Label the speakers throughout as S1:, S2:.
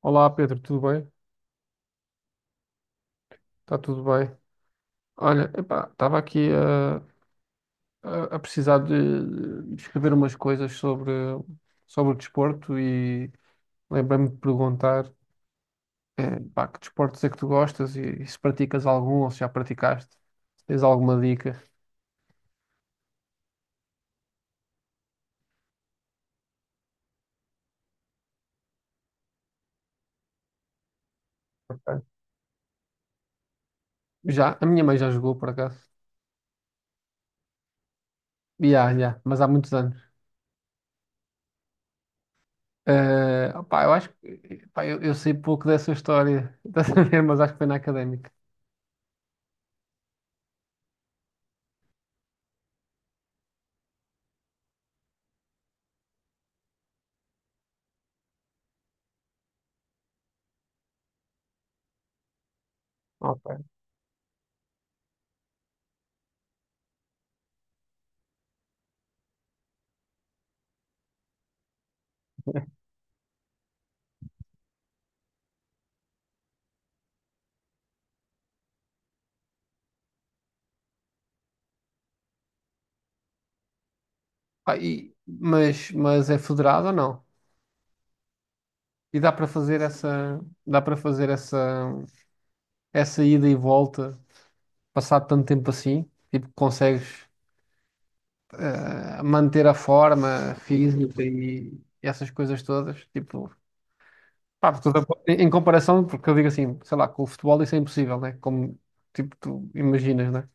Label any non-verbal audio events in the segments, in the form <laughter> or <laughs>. S1: Olá Pedro, tudo bem? Está tudo bem. Olha, epá, estava aqui a precisar de escrever umas coisas sobre o desporto e lembrei-me de perguntar, pá, que desportos é que tu gostas e se praticas algum ou se já praticaste, se tens alguma dica. Ok. Já, a minha mãe já jogou por acaso. Já, já, mas há muitos anos. Eu acho epá, eu sei pouco dessa história, <laughs> estás a ver, mas acho que foi na académica. Ok. Pá, mas é federado ou não? E dá para fazer dá para fazer essa, essa ida e volta, passado tanto tempo assim? Tipo, consegues manter a forma física e essas coisas todas? Tipo, pá, em em comparação, porque eu digo assim, sei lá, com o futebol isso é impossível, né? Como, tipo, tu imaginas, né?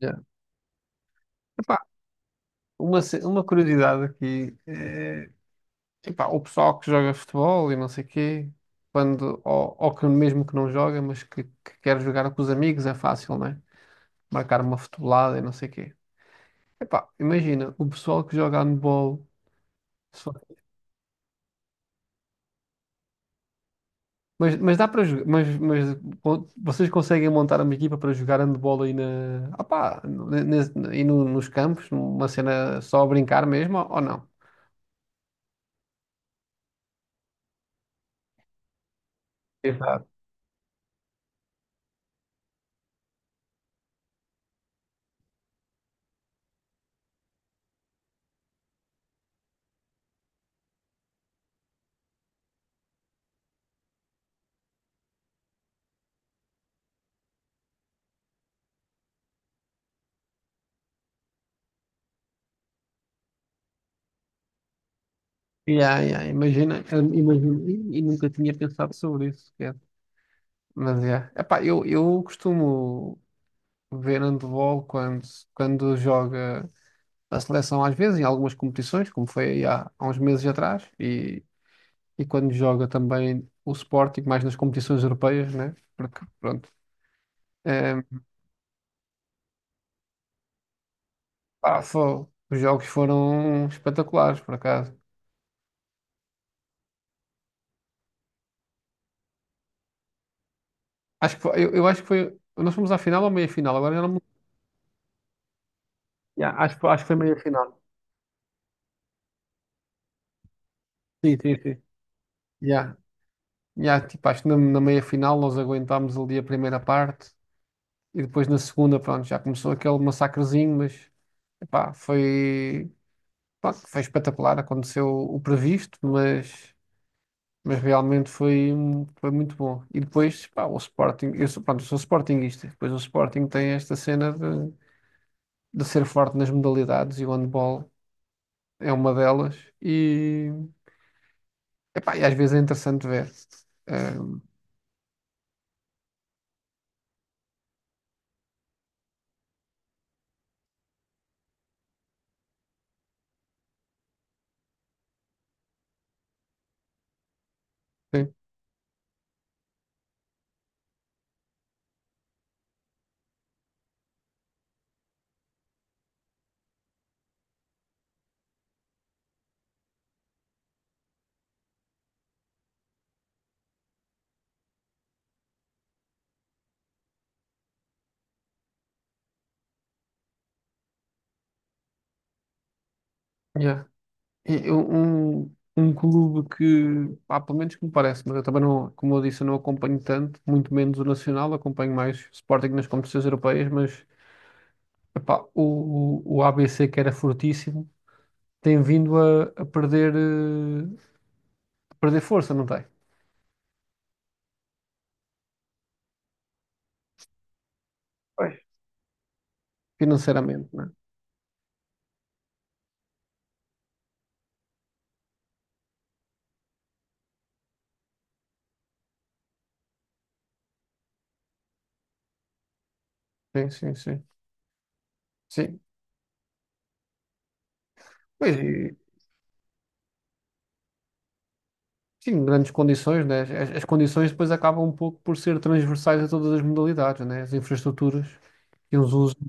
S1: Yeah. Epá, uma curiosidade aqui, epá, o pessoal que joga futebol e não sei quê, ou que mesmo que não joga, que quer jogar com os amigos, é fácil, né? Marcar uma futebolada e não sei quê. Epá, imagina, o pessoal que joga handball, se for- mas dá para jogar, vocês conseguem montar uma equipa para jogar handball aí na, opá, ne- ne- aí no- nos campos, numa cena só a brincar mesmo, ou não? Exato. Yeah, yeah, imagina, imagina, e nunca tinha pensado sobre isso. Mas é. Epá, eu costumo ver handball quando joga a seleção, às vezes, em algumas competições, como foi aí há uns meses atrás, e quando joga também o Sporting, mais nas competições europeias, né? Porque, pronto, eh, os jogos foram espetaculares, por acaso. Acho que foi- eu acho que foi. Nós fomos à final ou à meia final? Agora já não me. Yeah, acho que foi meia final. Sim, sim, sim. Yeah. Yeah, tipo, acho que na meia final nós aguentámos ali a primeira parte. E depois na segunda, pronto, já começou aquele massacrezinho, mas epá, foi, pronto, foi espetacular. Aconteceu o previsto, mas realmente foi muito bom. E depois, pá, o Sporting, eu sou sportinguista. Depois o Sporting tem esta cena de ser forte nas modalidades e o handball é uma delas. E, epá, e às vezes é interessante ver. Eh, sim, yeah. Um clube que, pá, pelo menos que me parece, mas eu também não, como eu disse, eu não acompanho tanto, muito menos o Nacional, acompanho mais o Sporting nas competições europeias, mas epá, o ABC, que era fortíssimo, tem vindo a perder, a perder força, não tem? Pois. Financeiramente, né? Sim, sim, sim. Sim, pois, e- sim, grandes condições, né? As condições depois acabam um pouco por ser transversais a todas as modalidades, né? As infraestruturas que uns usam.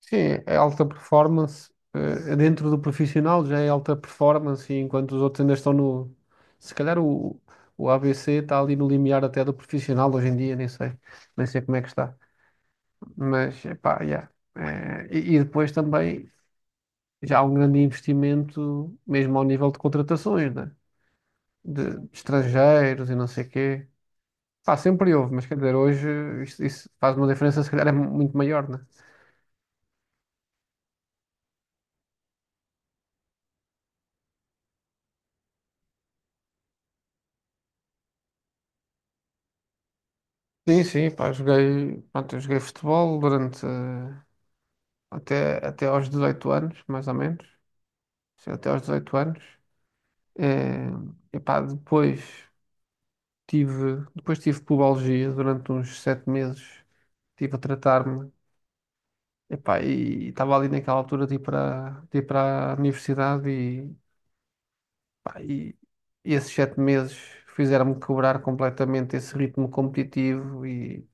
S1: Sim, é alta performance. Dentro do profissional já é alta performance, e enquanto os outros ainda estão no. Se calhar o ABC está ali no limiar até do profissional hoje em dia, nem sei. Nem sei como é que está. Mas, epá, yeah. E depois também já há um grande investimento, mesmo ao nível de contratações, né? De estrangeiros e não sei quê. Pá, sempre houve, mas quer dizer, hoje isso faz uma diferença, se calhar é muito maior, né? Sim, sim, pá, joguei, pronto, eu joguei futebol durante até aos 18 anos, mais ou menos. Sim, até aos 18 anos. Eh, e pá, depois depois tive pubalgia durante uns 7 meses. Estive a tratar-me. E pá, e estava ali naquela altura de ir de ir para a universidade e, pá, e esses 7 meses fizeram-me quebrar completamente esse ritmo competitivo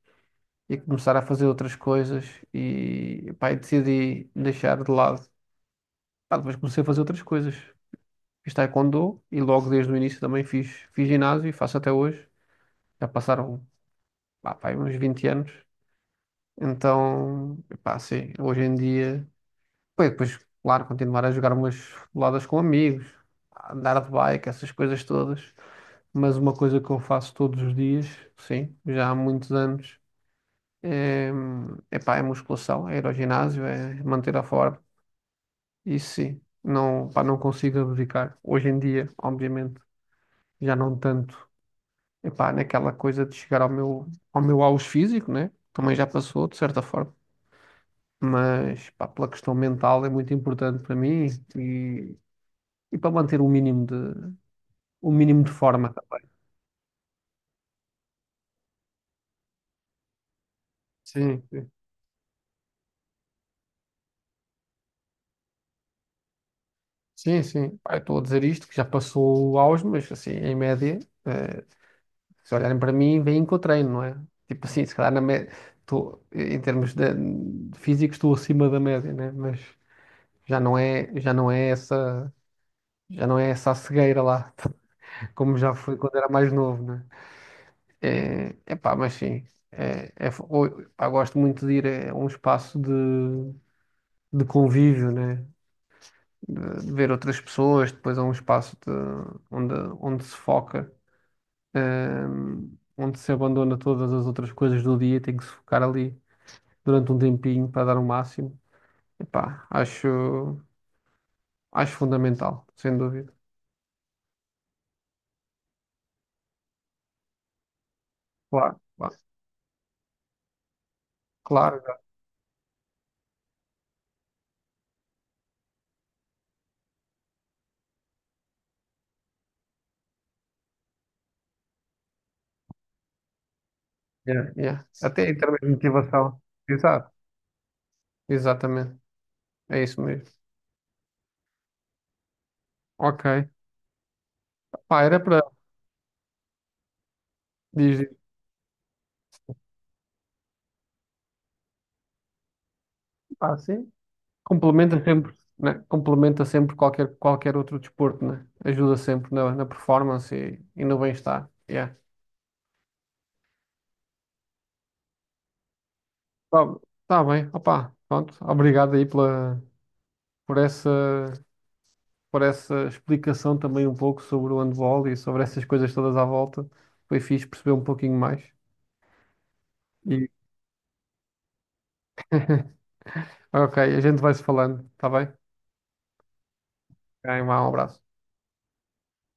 S1: e começar a fazer outras coisas e, pá, e decidi deixar de lado. Pá, depois comecei a fazer outras coisas. Fiz taekwondo e logo desde o início também fiz ginásio e faço até hoje. Já passaram, pá, pá, uns 20 anos. Então, pá, sim, hoje em dia, pá, e depois, claro, continuar a jogar umas boladas com amigos, a andar de bike, essas coisas todas. Mas uma coisa que eu faço todos os dias, sim, já há muitos anos, é, é musculação, é ir ao ginásio, é manter a forma. Isso sim, não, pá, não consigo abdicar. Hoje em dia, obviamente, já não tanto. Epá, naquela coisa de chegar ao ao meu auge físico, né? Também já passou, de certa forma. Mas, pá, pela questão mental é muito importante para mim e, e para manter o mínimo o mínimo de forma também. Sim, sim. Sim, sim. Pá, eu estou a dizer isto, que já passou o auge, mas assim, em média. eh, Se olharem para mim, veem que eu treino, não é? Tipo assim, se calhar na média, estou, em termos de físicos, estou acima da média, né? Mas já não é, já não é essa, já não é essa a cegueira lá, <laughs> como já foi quando era mais novo, né? É, epá, mas sim, pá, gosto muito de ir a um espaço de convívio, né? De ver outras pessoas, depois a um espaço onde, onde se foca. eh, Onde se abandona todas as outras coisas do dia, e tem que se focar ali durante um tempinho para dar o máximo. Epá, acho fundamental, sem dúvida. Claro, claro, claro. Yeah, yeah. Até em termos de motivação. Exato, exatamente. É isso mesmo. Ok. Pá, era para dizer, pá, sim. Complementa sempre, né? Complementa sempre qualquer, qualquer outro desporto, né? Ajuda sempre na, na performance e no bem-estar. Yeah. Tá, tá bem, opá, pronto. Obrigado aí por essa, por essa explicação também um pouco sobre o handball e sobre essas coisas todas à volta. Foi fixe perceber um pouquinho mais. E... <laughs> Ok, a gente vai se falando, tá bem? Ok, um abraço.